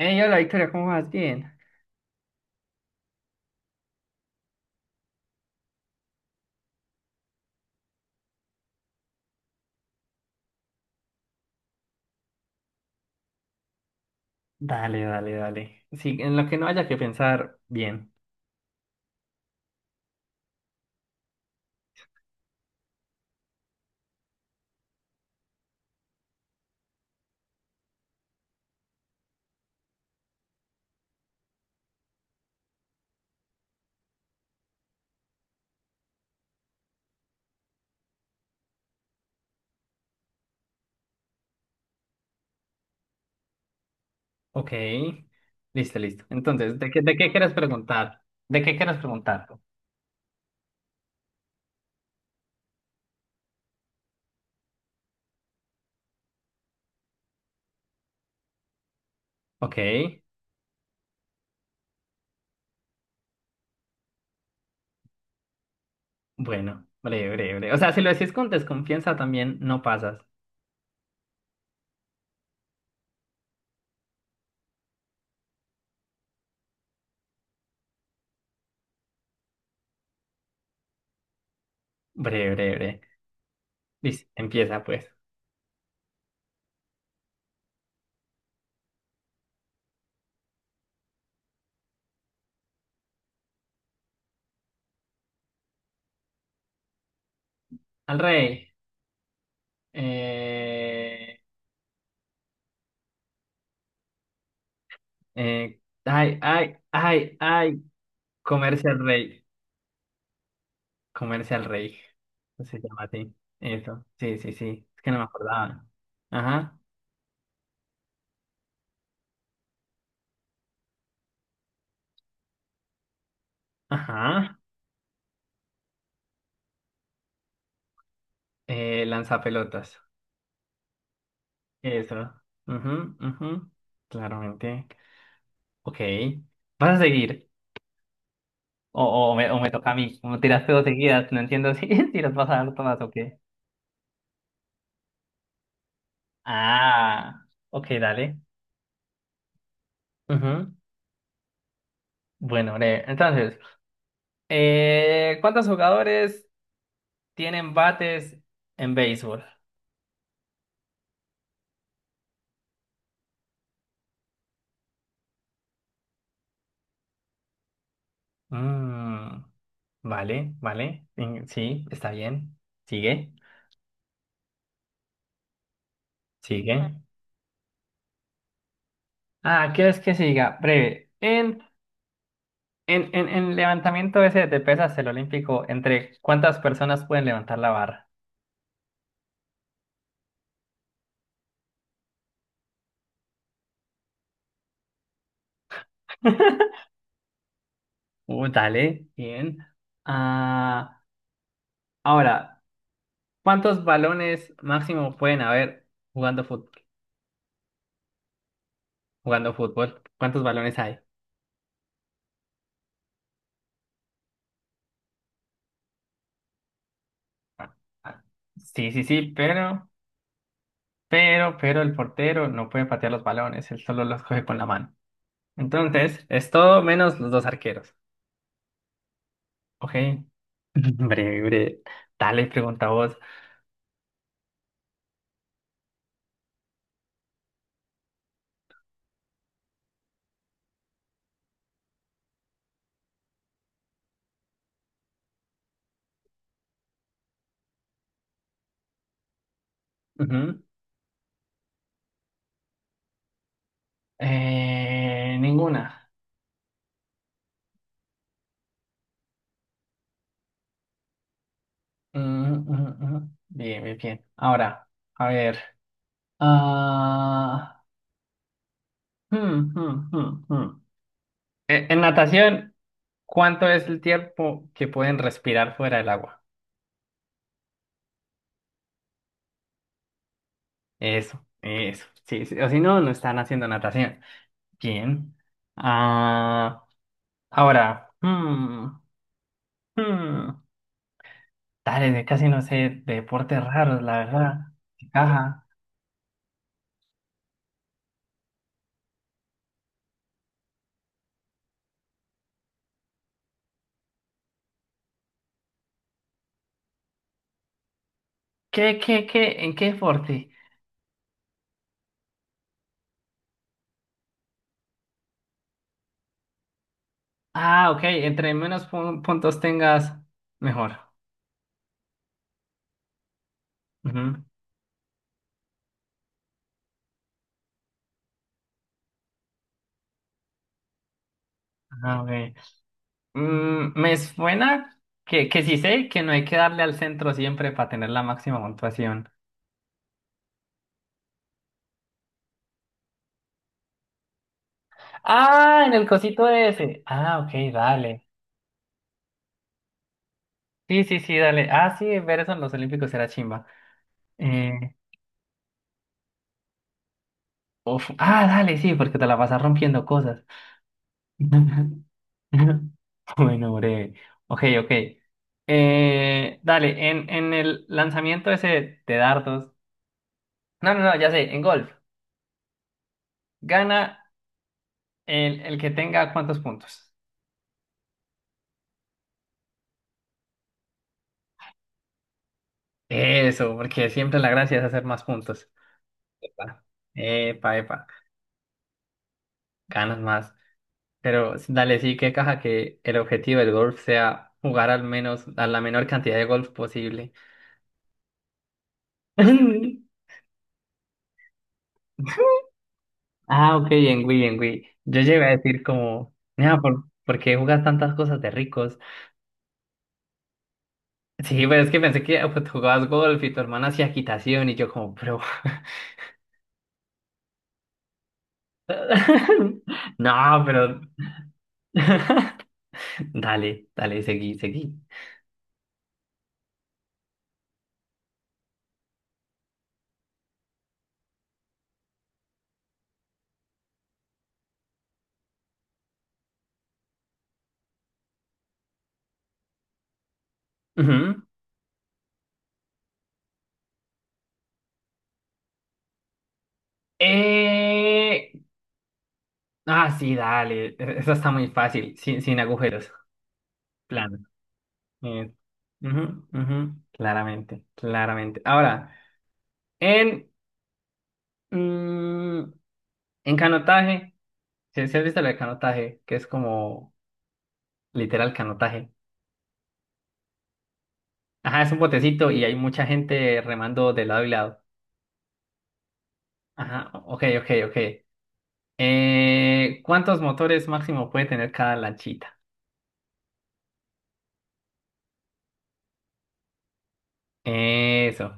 Hey, hola Victoria, ¿cómo vas? Bien. Dale, dale, dale. Sí, en lo que no haya que pensar, bien. Ok. Listo, listo. Entonces, ¿de qué quieres preguntar? ¿De qué quieres preguntar? Ok. Bueno, breve, breve, breve. O sea, si lo decís con desconfianza también no pasas. Breve, breve, breve. Listo, empieza pues. Al rey. Eh, eh, Ay, ay, ay, ay. Comerse al rey. Comerse al rey. Se llama así. Eso. Sí, sí, sí. Es que no me acordaba. Ajá. Ajá. Lanzapelotas. Eso. Mhm, mhm, claramente. Ok. ¿Vas a seguir? O, o me toca a mí. Como tiraste dos seguidas. No entiendo si, si las vas a dar todas o qué. Ah. Ok, dale. Mhm. Bueno, breve. Entonces, ¿cuántos jugadores tienen bates en béisbol? Mm, vale, vale. Sí, está bien. Sigue, vale. Sigue. Ah, ¿quieres que siga? Breve. En levantamiento ese de pesas, el olímpico, ¿entre cuántas personas pueden levantar la barra? Dale, bien. Ah, ahora, ¿cuántos balones máximo pueden haber jugando fútbol? Jugando fútbol. ¿Cuántos balones hay? Ah, ah, sí, sí, sí, pero. Pero el portero no puede patear los balones, él solo los coge con la mano. Entonces, es todo menos los dos arqueros. Ok. Breve, breve. Dale, pregunta vos. Ujú. Ninguna. Mm, mm, mm. Bien, bien, bien. Ahora, a ver. Ah. hmm, hmm, hmm, hmm. En natación, ¿cuánto es el tiempo que pueden respirar fuera del agua? Eso, eso. Sí, sí, o si no, no están haciendo natación. Bien. Ah, ahora, hmm, dale, casi no sé de deportes raros, la verdad. Ajá. ¿Qué, qué, qué? ¿En qué deporte? Ah, ok, entre menos puntos tengas, mejor. Ujú. Ah, ok. Me suena que sí sé que no hay que darle al centro siempre para tener la máxima puntuación. Ah, en el cosito de ese. Ah, ok, dale. Sí, sí, sí, dale. Ah, sí, ver eso en los Olímpicos era chimba. Eh, Uf, ah, dale, sí, porque te la vas a rompiendo cosas. Bueno, breve. Ok, ok. Dale, en el lanzamiento ese de dardos. No, no, no, ya sé, en golf. Gana el que tenga cuántos puntos. Eso, porque siempre la gracia es hacer más puntos. Epa, epa, epa, ganas más. Pero dale, sí, que caja que el objetivo del golf sea jugar al menos, a la menor cantidad de golf posible. Ah, ok, en Wii, en Wii. Yo llegué a decir como, mira, ¿por qué jugas tantas cosas de ricos? Sí, pero es que pensé que pues, jugabas golf y tu hermana hacía equitación y yo como, pero. No, pero. Dale, dale, seguí, seguí. Ujú. Eh... Ah, sí, dale. Eso está muy fácil, sin, agujeros. Plano. Eh, Ujú, ujú, claramente, claramente. Ahora, en... mm, en canotaje. Si has visto el canotaje, que es como literal canotaje. Ajá, es un botecito y hay mucha gente remando de lado y lado. Ajá, ok, ok, ok. ¿Cuántos motores máximo puede tener cada lanchita? Eso.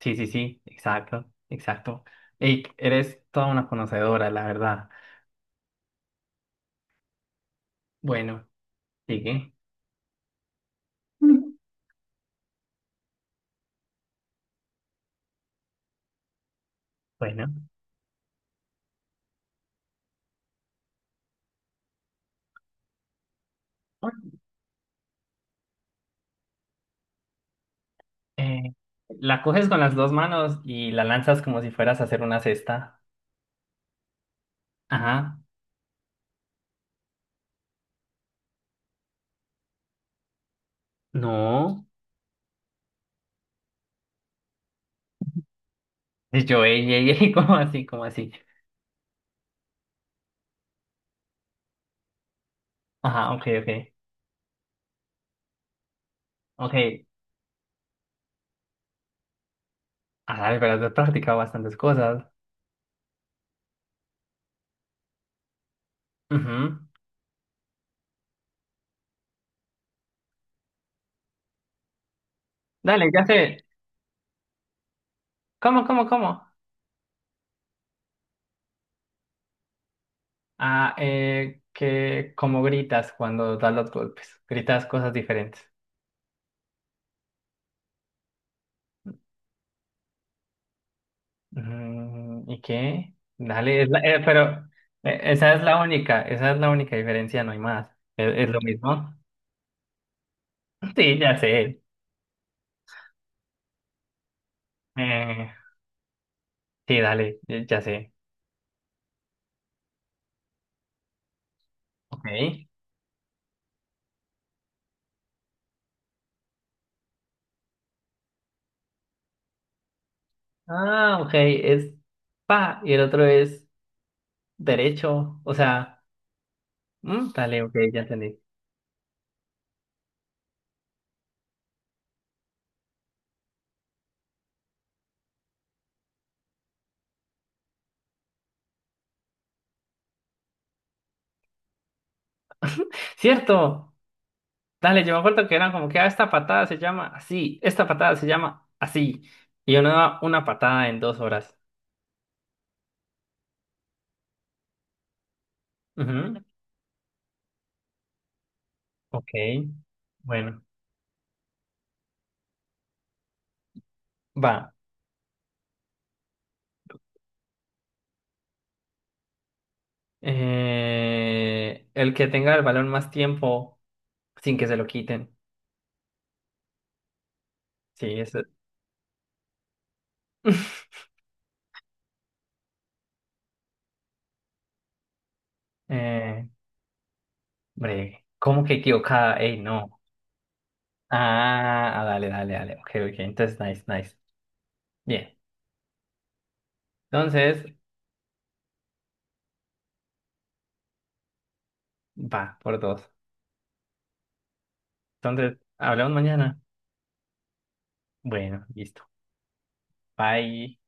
Sí, sí, sí, exacto, exacto. Ey, eres toda una conocedora, la verdad. Bueno, sigue. Bueno. Eh, la coges con las dos manos y la lanzas como si fueras a hacer una cesta. Ajá. No. Y yo, ey, ey, ey, ¿cómo así? ¿Cómo así? Ajá, ok, ok, ok. Ah, dale, pero has practicado bastantes cosas. Ujú. Dale, ya sé. ¿Cómo, cómo, cómo? Ah, que como gritas cuando das los golpes. Gritas cosas diferentes. ¿Y qué? Dale, es pero esa es la única, esa es la única diferencia, no hay más. ¿Es lo mismo? Sí, ya sé. Eh, sí, dale, ya sé. Ok. Ah, ok, es pa y el otro es derecho, o sea, dale, ok, ya entendí. Cierto, dale, yo me acuerdo que eran como que ah, esta patada se llama así, esta patada se llama así, y uno da una patada en 2 horas. Ujú, ok, bueno, va. El que tenga el balón más tiempo sin que se lo quiten. Sí, eso. Eh, Breve. ¿Cómo que equivocada? Ey, no. Ah, ah, dale, dale, dale. Ok, ok. Entonces, nice, nice. Bien. Entonces, va, por dos. Entonces, hablamos mañana. Bueno, listo. Bye.